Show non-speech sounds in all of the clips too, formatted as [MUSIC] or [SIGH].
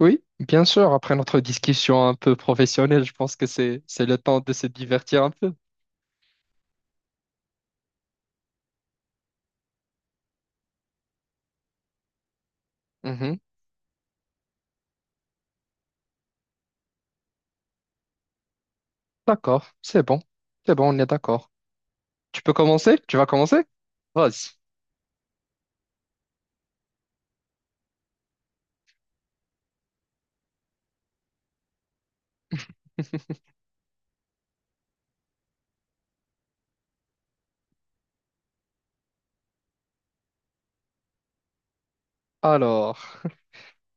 Oui, bien sûr, après notre discussion un peu professionnelle, je pense que c'est le temps de se divertir un peu. Mhm. D'accord, c'est bon. C'est bon, on est d'accord. Tu peux commencer? Tu vas commencer? Vas-y. Alors,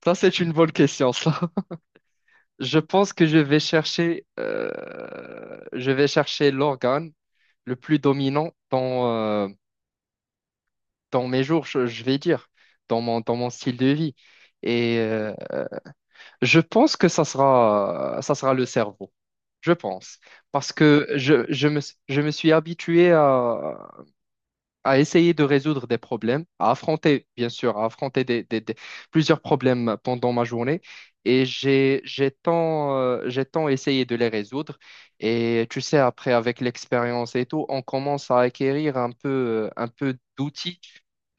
ça c'est une bonne question, ça. [LAUGHS] Je pense que je vais chercher l'organe le plus dominant dans, dans mes jours, je vais dire, dans mon style de vie. Et je pense que ça sera le cerveau. Je pense. Parce que je me suis habitué à essayer de résoudre des problèmes, à affronter, bien sûr, à affronter plusieurs problèmes pendant ma journée. Et j'ai tant essayé de les résoudre. Et tu sais, après, avec l'expérience et tout, on commence à acquérir un peu d'outils,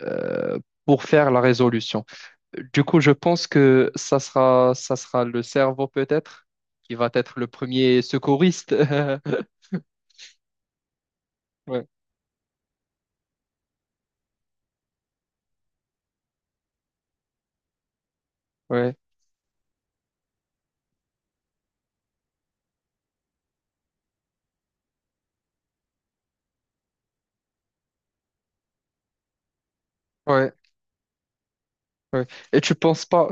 euh, pour faire la résolution. Du coup, je pense que ça sera le cerveau peut-être qui va être le premier secouriste. [LAUGHS] Ouais, ouais, ouais, ouais. Et tu penses pas,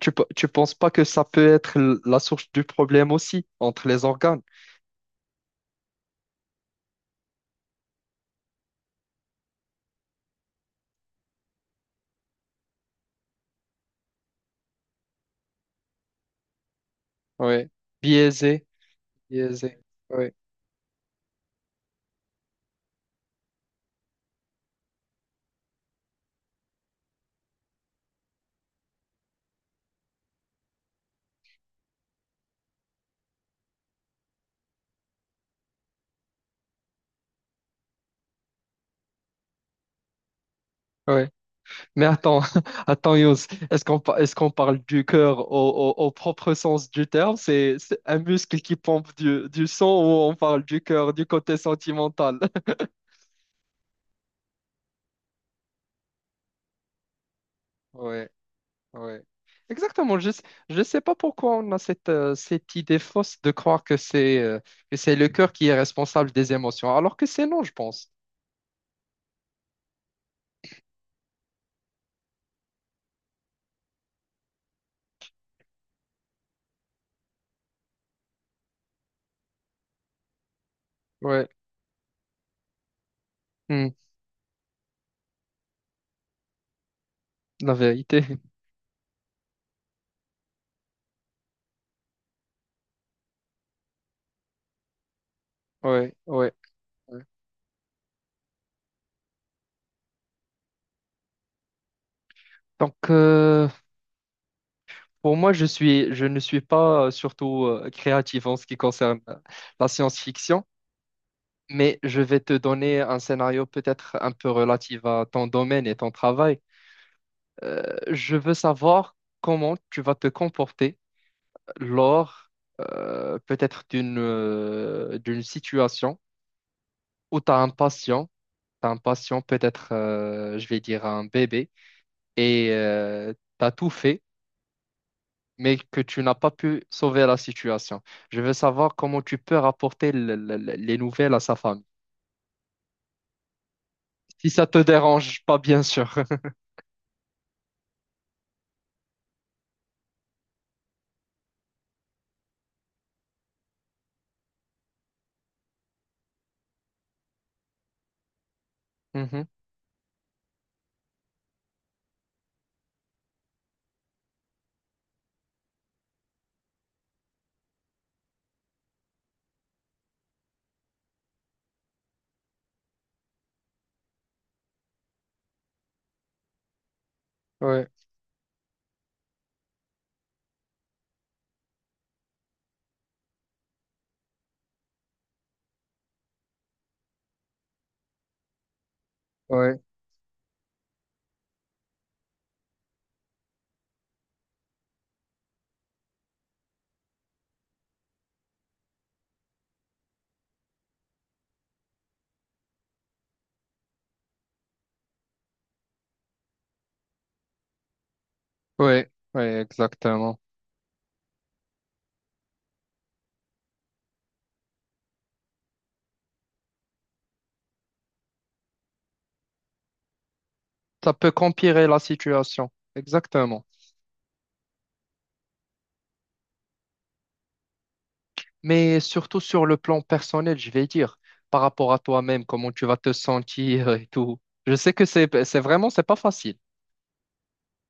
tu penses pas que ça peut être la source du problème aussi entre les organes? Ouais, biaisé, biaisé. Ouais, ouais. Mais attends, [LAUGHS] attends, Yous, est-ce qu'on parle du cœur au, au propre sens du terme? C'est un muscle qui pompe du sang ou on parle du cœur du côté sentimental? [LAUGHS] Ouais. Ouais. Exactement. Je ne sais pas pourquoi on a cette, cette idée fausse de croire que c'est le cœur qui est responsable des émotions, alors que c'est non, je pense. Ouais. Hmm. La vérité. [LAUGHS] Ouais, ouais, ouais. Donc, pour moi, je ne suis pas surtout créatif en ce qui concerne la science-fiction, mais je vais te donner un scénario peut-être un peu relatif à ton domaine et ton travail. Euh, je veux savoir comment tu vas te comporter lors peut-être d'une situation où tu as un patient, t'as un patient peut-être, je vais dire, un bébé, et tu as tout fait, mais que tu n'as pas pu sauver la situation. Je veux savoir comment tu peux rapporter les nouvelles à sa famille. Si ça te dérange pas, bien sûr. [LAUGHS] Mhm. Ouais, ouais, ouais, ouais, exactement. Ça peut empirer la situation. Exactement. Mais surtout sur le plan personnel, je vais dire, par rapport à toi-même, comment tu vas te sentir et tout. Je sais que c'est vraiment, c'est pas facile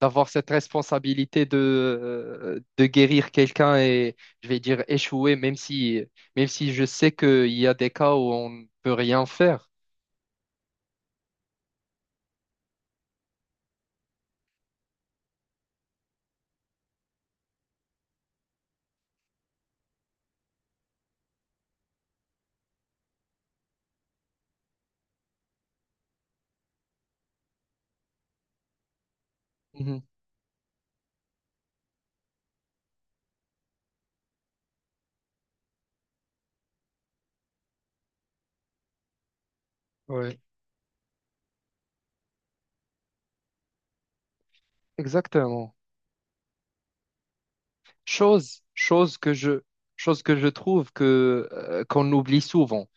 d'avoir cette responsabilité de guérir quelqu'un et, je vais dire, échouer, même si je sais qu'il y a des cas où on ne peut rien faire. Mhm. Ouais. Exactement. Chose, chose que je, chose que je trouve que qu'on oublie souvent.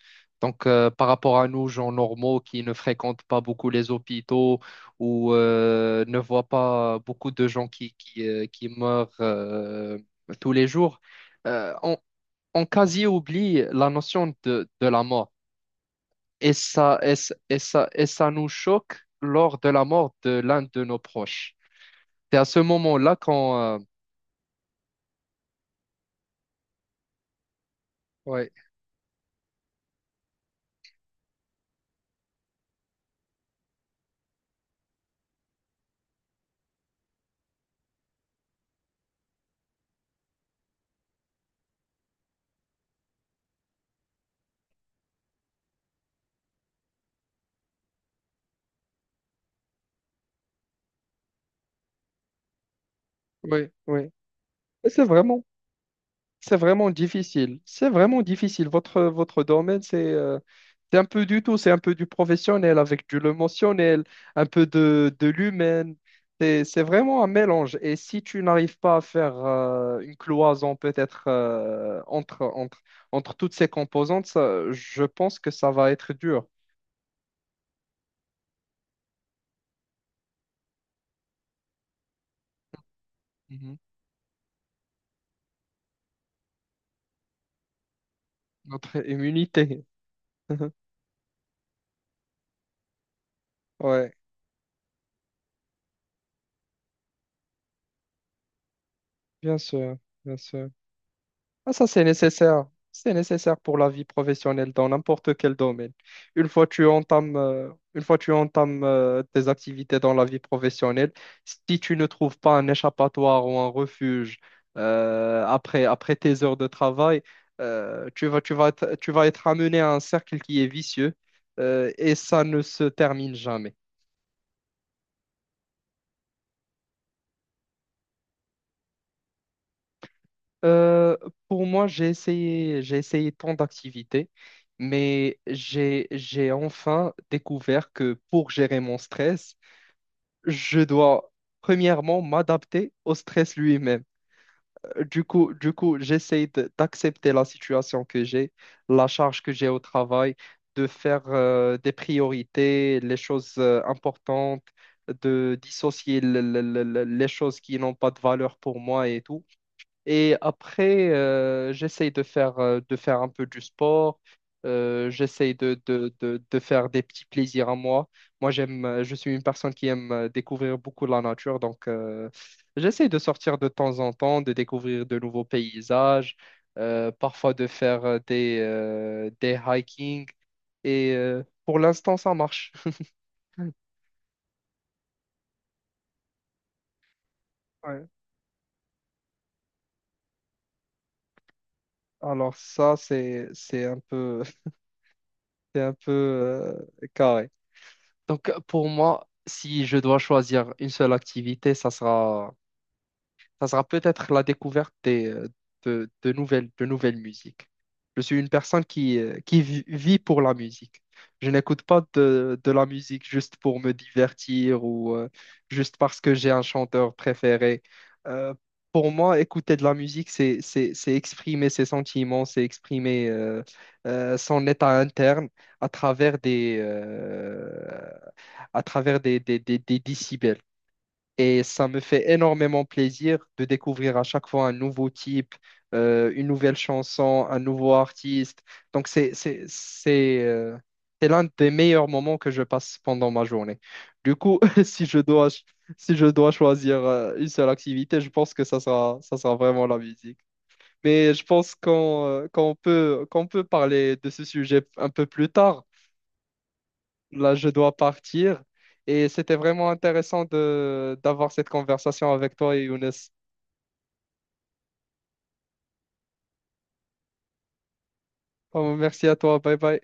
Donc, par rapport à nous, gens normaux qui ne fréquentent pas beaucoup les hôpitaux ou ne voient pas beaucoup de gens qui meurent tous les jours, euh, on, on quasi oublie la notion de la mort. Et ça, et ça nous choque lors de la mort de l'un de nos proches. C'est à ce moment-là qu'on... ouais, ouais, oui. C'est vraiment, c'est vraiment difficile. C'est vraiment difficile. Votre domaine, c'est un peu du tout. C'est un peu du professionnel avec du émotionnel, un peu de l'humain. C'est vraiment un mélange. Et si tu n'arrives pas à faire une cloison peut-être entre entre toutes ces composantes, ça, je pense que ça va être dur. Mhm. Notre immunité. [LAUGHS] Ouais, bien sûr, bien sûr. Ah, ça, c'est nécessaire. C'est nécessaire pour la vie professionnelle dans n'importe quel domaine. Une fois tu entames, euh, une fois tu entames tes activités dans la vie professionnelle, si tu ne trouves pas un échappatoire ou un refuge après tes heures de travail, tu vas être amené à un cercle qui est vicieux, et ça ne se termine jamais. Euh, pour moi, j'ai essayé tant d'activités, mais j'ai enfin découvert que pour gérer mon stress, je dois premièrement m'adapter au stress lui-même. Du coup, j'essaye d'accepter la situation que j'ai, la charge que j'ai au travail, de faire des priorités, les choses importantes, de dissocier les choses qui n'ont pas de valeur pour moi et tout. Et après, de faire un peu du sport. J'essaye de faire des petits plaisirs à moi. Moi, je suis une personne qui aime découvrir beaucoup la nature. Donc, j'essaye de sortir de temps en temps, de découvrir de nouveaux paysages, parfois de faire des hiking. Et pour l'instant, ça marche. [LAUGHS] Ouais. Alors ça, c'est un peu, [LAUGHS] c'est un peu carré. Donc, pour moi, si je dois choisir une seule activité, ça sera peut-être la découverte de nouvelles musiques. Je suis une personne qui vit pour la musique. Je n'écoute pas de la musique juste pour me divertir ou juste parce que j'ai un chanteur préféré. Euh, pour moi, écouter de la musique, c'est exprimer ses sentiments, c'est exprimer son état interne à travers à travers des décibels. Et ça me fait énormément plaisir de découvrir à chaque fois un nouveau type, une nouvelle chanson, un nouveau artiste. Donc, c'est l'un des meilleurs moments que je passe pendant ma journée. Du coup, [LAUGHS] si je dois choisir une seule activité, je pense que ça sera vraiment la musique. Mais je pense qu'on peut parler de ce sujet un peu plus tard. Là, je dois partir. Et c'était vraiment intéressant de d'avoir cette conversation avec toi et Younes. Oh, merci à toi. Bye bye.